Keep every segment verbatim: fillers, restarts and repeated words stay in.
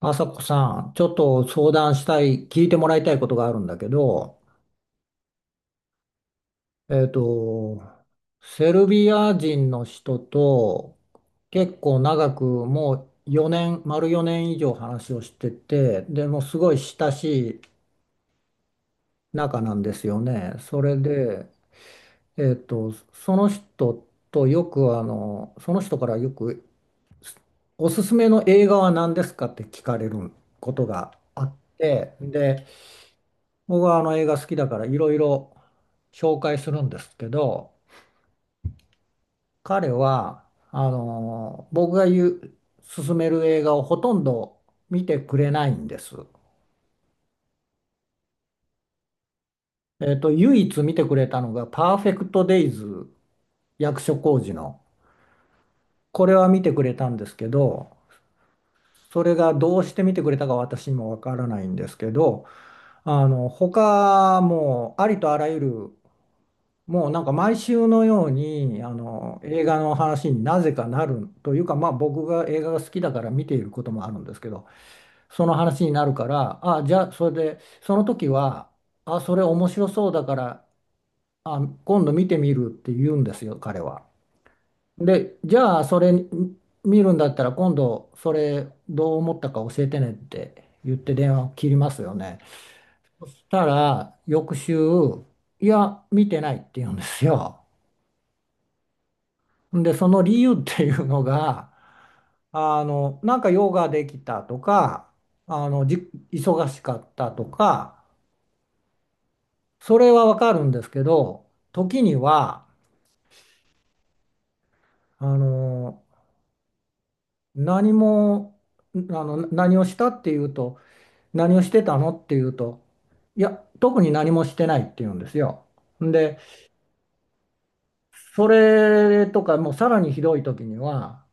あさこさん、ちょっと相談したい、聞いてもらいたいことがあるんだけど、えっと、セルビア人の人と結構長くもう4年、丸よねん以上話をしてて、でもうすごい親しい仲なんですよね。それで、えっと、その人とよくあの、その人からよくおすすめの映画は何ですかって聞かれることがあって、で、僕はあの映画好きだからいろいろ紹介するんですけど、彼は、あの、僕が言う、勧める映画をほとんど見てくれないんです。えっと、唯一見てくれたのがパーフェクトデイズ、役所広司の。これは見てくれたんですけど、それがどうして見てくれたか私にもわからないんですけど、あの、他もうありとあらゆるもうなんか毎週のようにあの映画の話になぜかなるというか、まあ、僕が映画が好きだから見ていることもあるんですけど、その話になるから、あ、じゃあそれでその時は、あ、それ面白そうだから、あ、今度見てみるって言うんですよ彼は。で、じゃあそれ見るんだったら今度それどう思ったか教えてねって言って電話を切りますよね。したら翌週、いや見てないって言うんですよ。で、その理由っていうのが、あの、なんか用ができたとか、あの、じ、忙しかったとか、それはわかるんですけど、時には、あの、何も、あの、何をしたっていうと、何をしてたのっていうと、いや、特に何もしてないっていうんですよ。で、それとか、もうさらにひどい時には、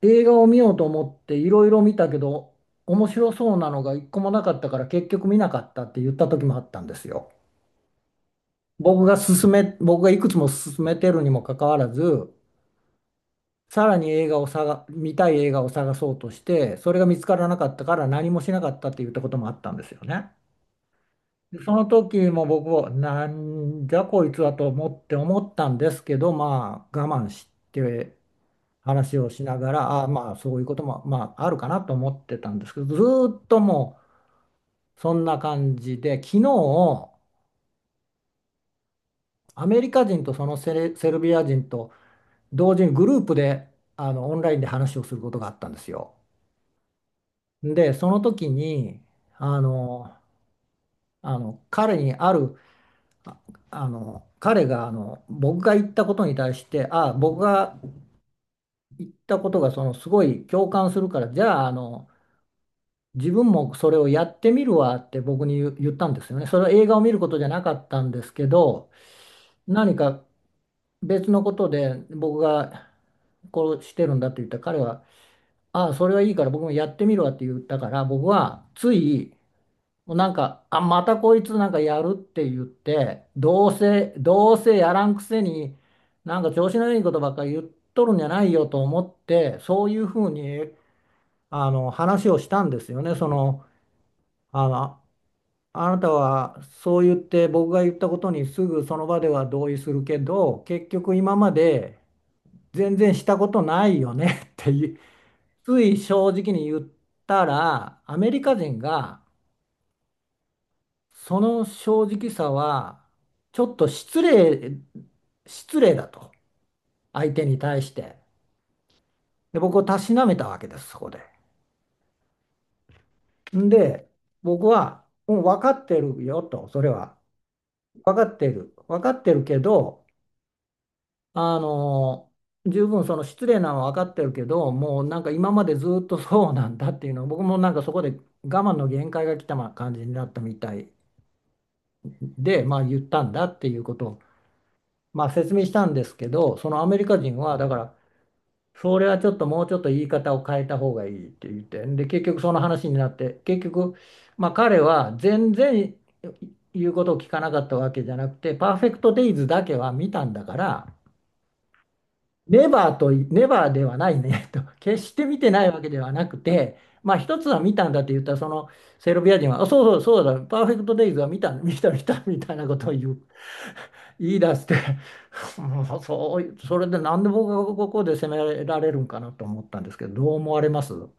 映画を見ようと思っていろいろ見たけど、面白そうなのが一個もなかったから結局見なかったって言った時もあったんですよ。僕が勧め、僕がいくつも勧めてるにもかかわらず、さらに映画を探、見たい映画を探そうとして、それが見つからなかったから何もしなかったって言ったこともあったんですよね。でその時も僕は、なんじゃこいつはと思って思ったんですけど、まあ我慢して、話をしながら、ああ、まあそういうこともまああるかなと思ってたんですけど、ずーっともうそんな感じで、昨日、アメリカ人とそのセレ、セルビア人と同時にグループで、あのオンラインで話をすることがあったんですよ。で、その時に、あの、あの彼にある、ああの彼が、あの僕が言ったことに対して、ああ、僕が言ったことがそのすごい共感するから、じゃあ、あの、自分もそれをやってみるわって僕に言う言ったんですよね。それは映画を見ることじゃなかったんですけど、何か別のことで僕がこうしてるんだって言ったら彼は、ああ、それはいいから僕もやってみるわって言ったから、僕はつい、もうなんか、あ、またこいつなんかやるって言って、どうせ、どうせやらんくせに、なんか調子のいいことばっかり言っとるんじゃないよと思って、そういうふうに、あの、話をしたんですよね。その、あの、あなたはそう言って僕が言ったことにすぐその場では同意するけど結局今まで全然したことないよね っていう、つい正直に言ったら、アメリカ人がその正直さはちょっと失礼失礼だと、相手に対してで、僕をたしなめたわけですそこで。んで僕はもう分かってるよと、それは分かってる分かってるけど、あの、十分その失礼なのは分かってるけど、もうなんか今までずっとそうなんだっていうのを僕もなんかそこで我慢の限界が来た、ま、感じになったみたいで、まあ、言ったんだっていうことを、まあ、説明したんですけど、そのアメリカ人はだから、それはちょっともうちょっと言い方を変えた方がいいって言って、で結局その話になって、結局、まあ、彼は全然言うことを聞かなかったわけじゃなくて、パーフェクトデイズだけは見たんだから。ネバーとネバーではないねと、決して見てないわけではなくて、まあ一つは見たんだって言ったら、そのセルビア人は、あ、そうそうそうだ、パーフェクトデイズは見た、見た、見た、みたいなことを言う、言い出して、もうそう、それでなんで僕がここで責められるんかなと思ったんですけど、どう思われますう、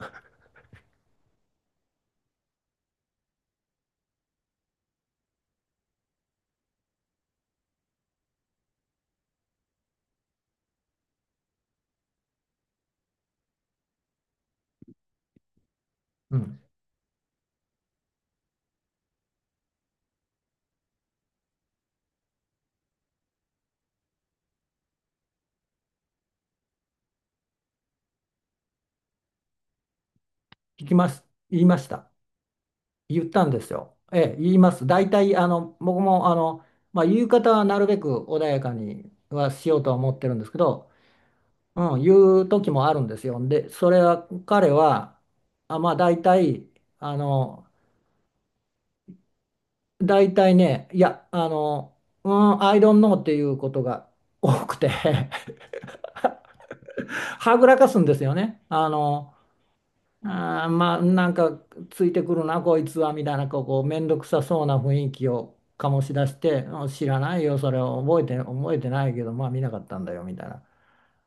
ん、聞きます。言いました。言ったんですよ。ええ、言います。大体、あの、僕も、あの、まあ、言い方はなるべく穏やかにはしようとは思ってるんですけど、うん、いう時もあるんですよ。で、それは彼は、あ、まあ大体、あの、大体ね、いや、あの、うん、I don't know っていうことが多くて はぐらかすんですよね。あの、あー、まあなんかついてくるな、こいつは、みたいな、こう、こうめんどくさそうな雰囲気を醸し出して、うん、知らないよ、それを覚えて、覚えてないけど、まあ見なかったんだよ、みたいな。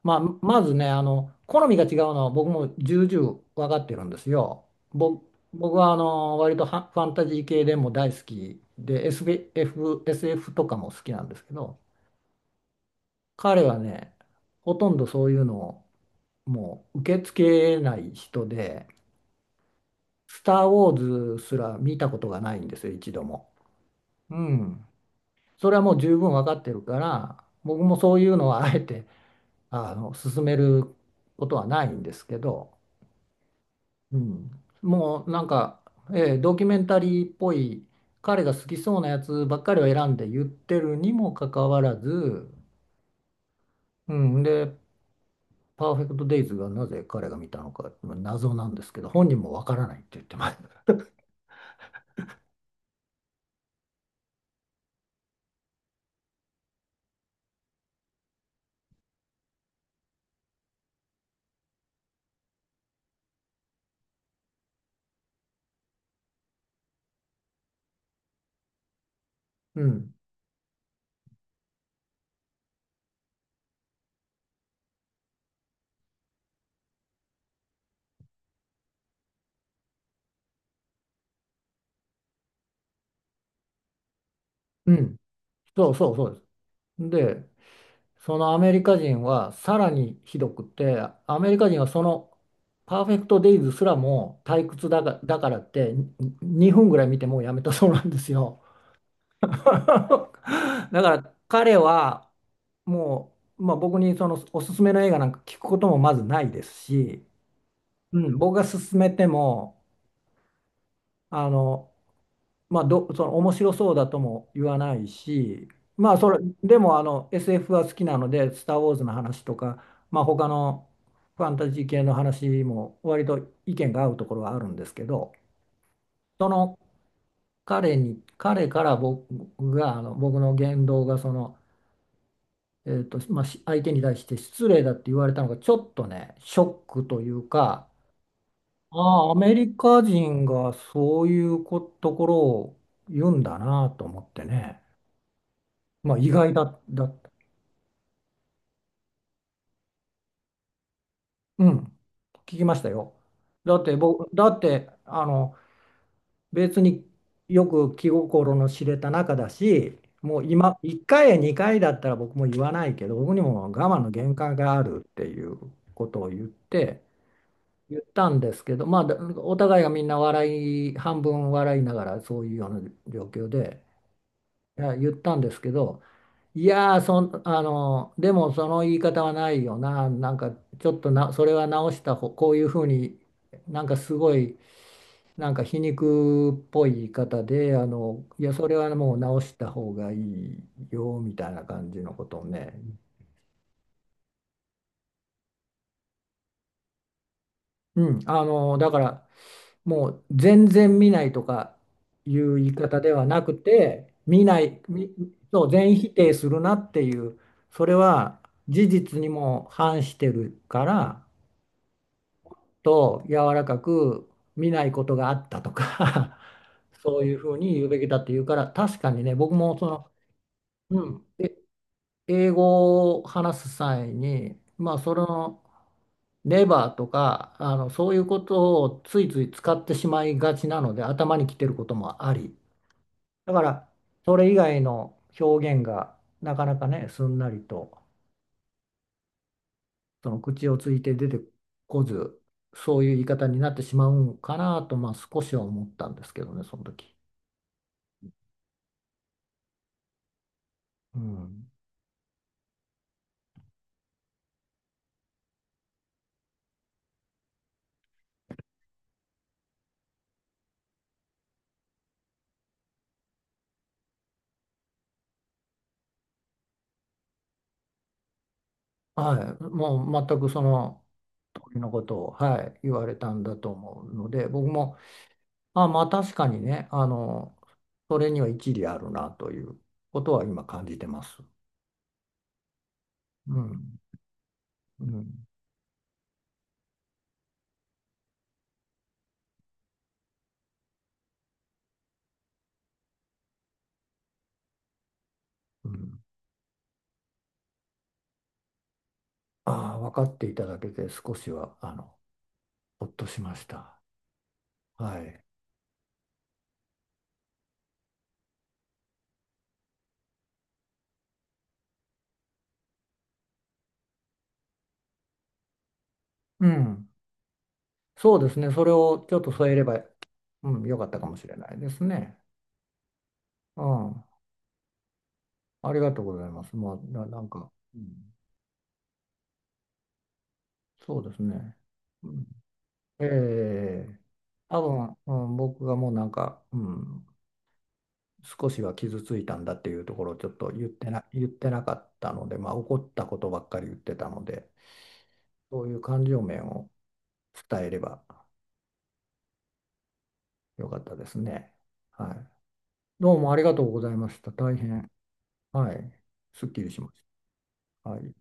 まあ、まずね、あの、好みが違うのは僕も重々分かってるんですよ。ぼ僕はあの割とはファンタジー系でも大好きで、エスエフ、エスエフ とかも好きなんですけど、彼はね、ほとんどそういうのをもう受け付けない人で、スター・ウォーズすら見たことがないんですよ、一度も。うん。それはもう十分分かってるから、僕もそういうのはあえてあの勧めることはないんですけど、うん、もうなんか、えードキュメンタリーっぽい彼が好きそうなやつばっかりを選んで言ってるにもかかわらず、うん、で「パーフェクト・デイズ」がなぜ彼が見たのか謎なんですけど本人もわからないって言ってます。うん、うん、そうそうそうです。でそのアメリカ人はさらにひどくて、アメリカ人はその「パーフェクト・デイズ」すらも退屈だが、だからってににふんぐらい見てもうやめたそうなんですよ。だから彼はもう、まあ、僕にそのおすすめの映画なんか聞くこともまずないですし、うん、僕が勧めてもあの、まあ、どその面白そうだとも言わないし、まあ、それでもあの エスエフ は好きなので「スター・ウォーズ」の話とか、まあ、他のファンタジー系の話も割と意見が合うところはあるんですけど、その、彼に彼から僕があの僕の言動がその、えーと、まあ、し相手に対して失礼だって言われたのがちょっとね、ショックというか、ああ、アメリカ人がそういうこと、ころを言うんだなと思ってね、まあ、意外だ、だった。うん、聞きましたよ。だって僕、だってあの別によく気心の知れた仲だし、もう今、いっかいやにかいだったら僕も言わないけど、僕にも我慢の限界があるっていうことを言って、言ったんですけど、まあ、だお互いがみんな笑い、半分笑いながらそういうような状況で、いや、言ったんですけど、いやーそん、あの、でもその言い方はないよな、なんかちょっとな、それは直した方、こういうふうになんかすごい、なんか皮肉っぽい言い方で、あの、いや、それはもう直した方がいいよ、みたいな感じのことをね、うん、あのだから、もう全然見ないとかいう言い方ではなくて、見ないみそう、全否定するなっていう、それは事実にも反してるからと、柔らかく見ないことがあったとか そういうふうに言うべきだっていうから、確かにね、僕もその、うん、え英語を話す際にまあそのレバーとか、あの、そういうことをついつい使ってしまいがちなので、頭にきてることもあり。だから、それ以外の表現がなかなかね、すんなりと、その口をついて出てこず、そういう言い方になってしまうんかなと、まあ少しは思ったんですけどね、その時。うん。はい。もう全くその通りのことを、はい、言われたんだと思うので、僕もあ、まあ確かにね、あの、それには一理あるなということは今感じてます。うん、うん、うん。ああ、分かっていただけて少しは、あの、ほっとしました。はい。うん。そうですね。それをちょっと添えれば、うん、よかったかもしれないですね。うん。ありがとうございます。まあ、な、なんか、うん、そうですね。うん、ええ多分、うん、僕がもうなんか、うん、少しは傷ついたんだっていうところをちょっと言ってな、言ってなかったので、まあ、怒ったことばっかり言ってたので、そういう感情面を伝えればよかったですね。はい。どうもありがとうございました。大変、はい、すっきりしました。はい。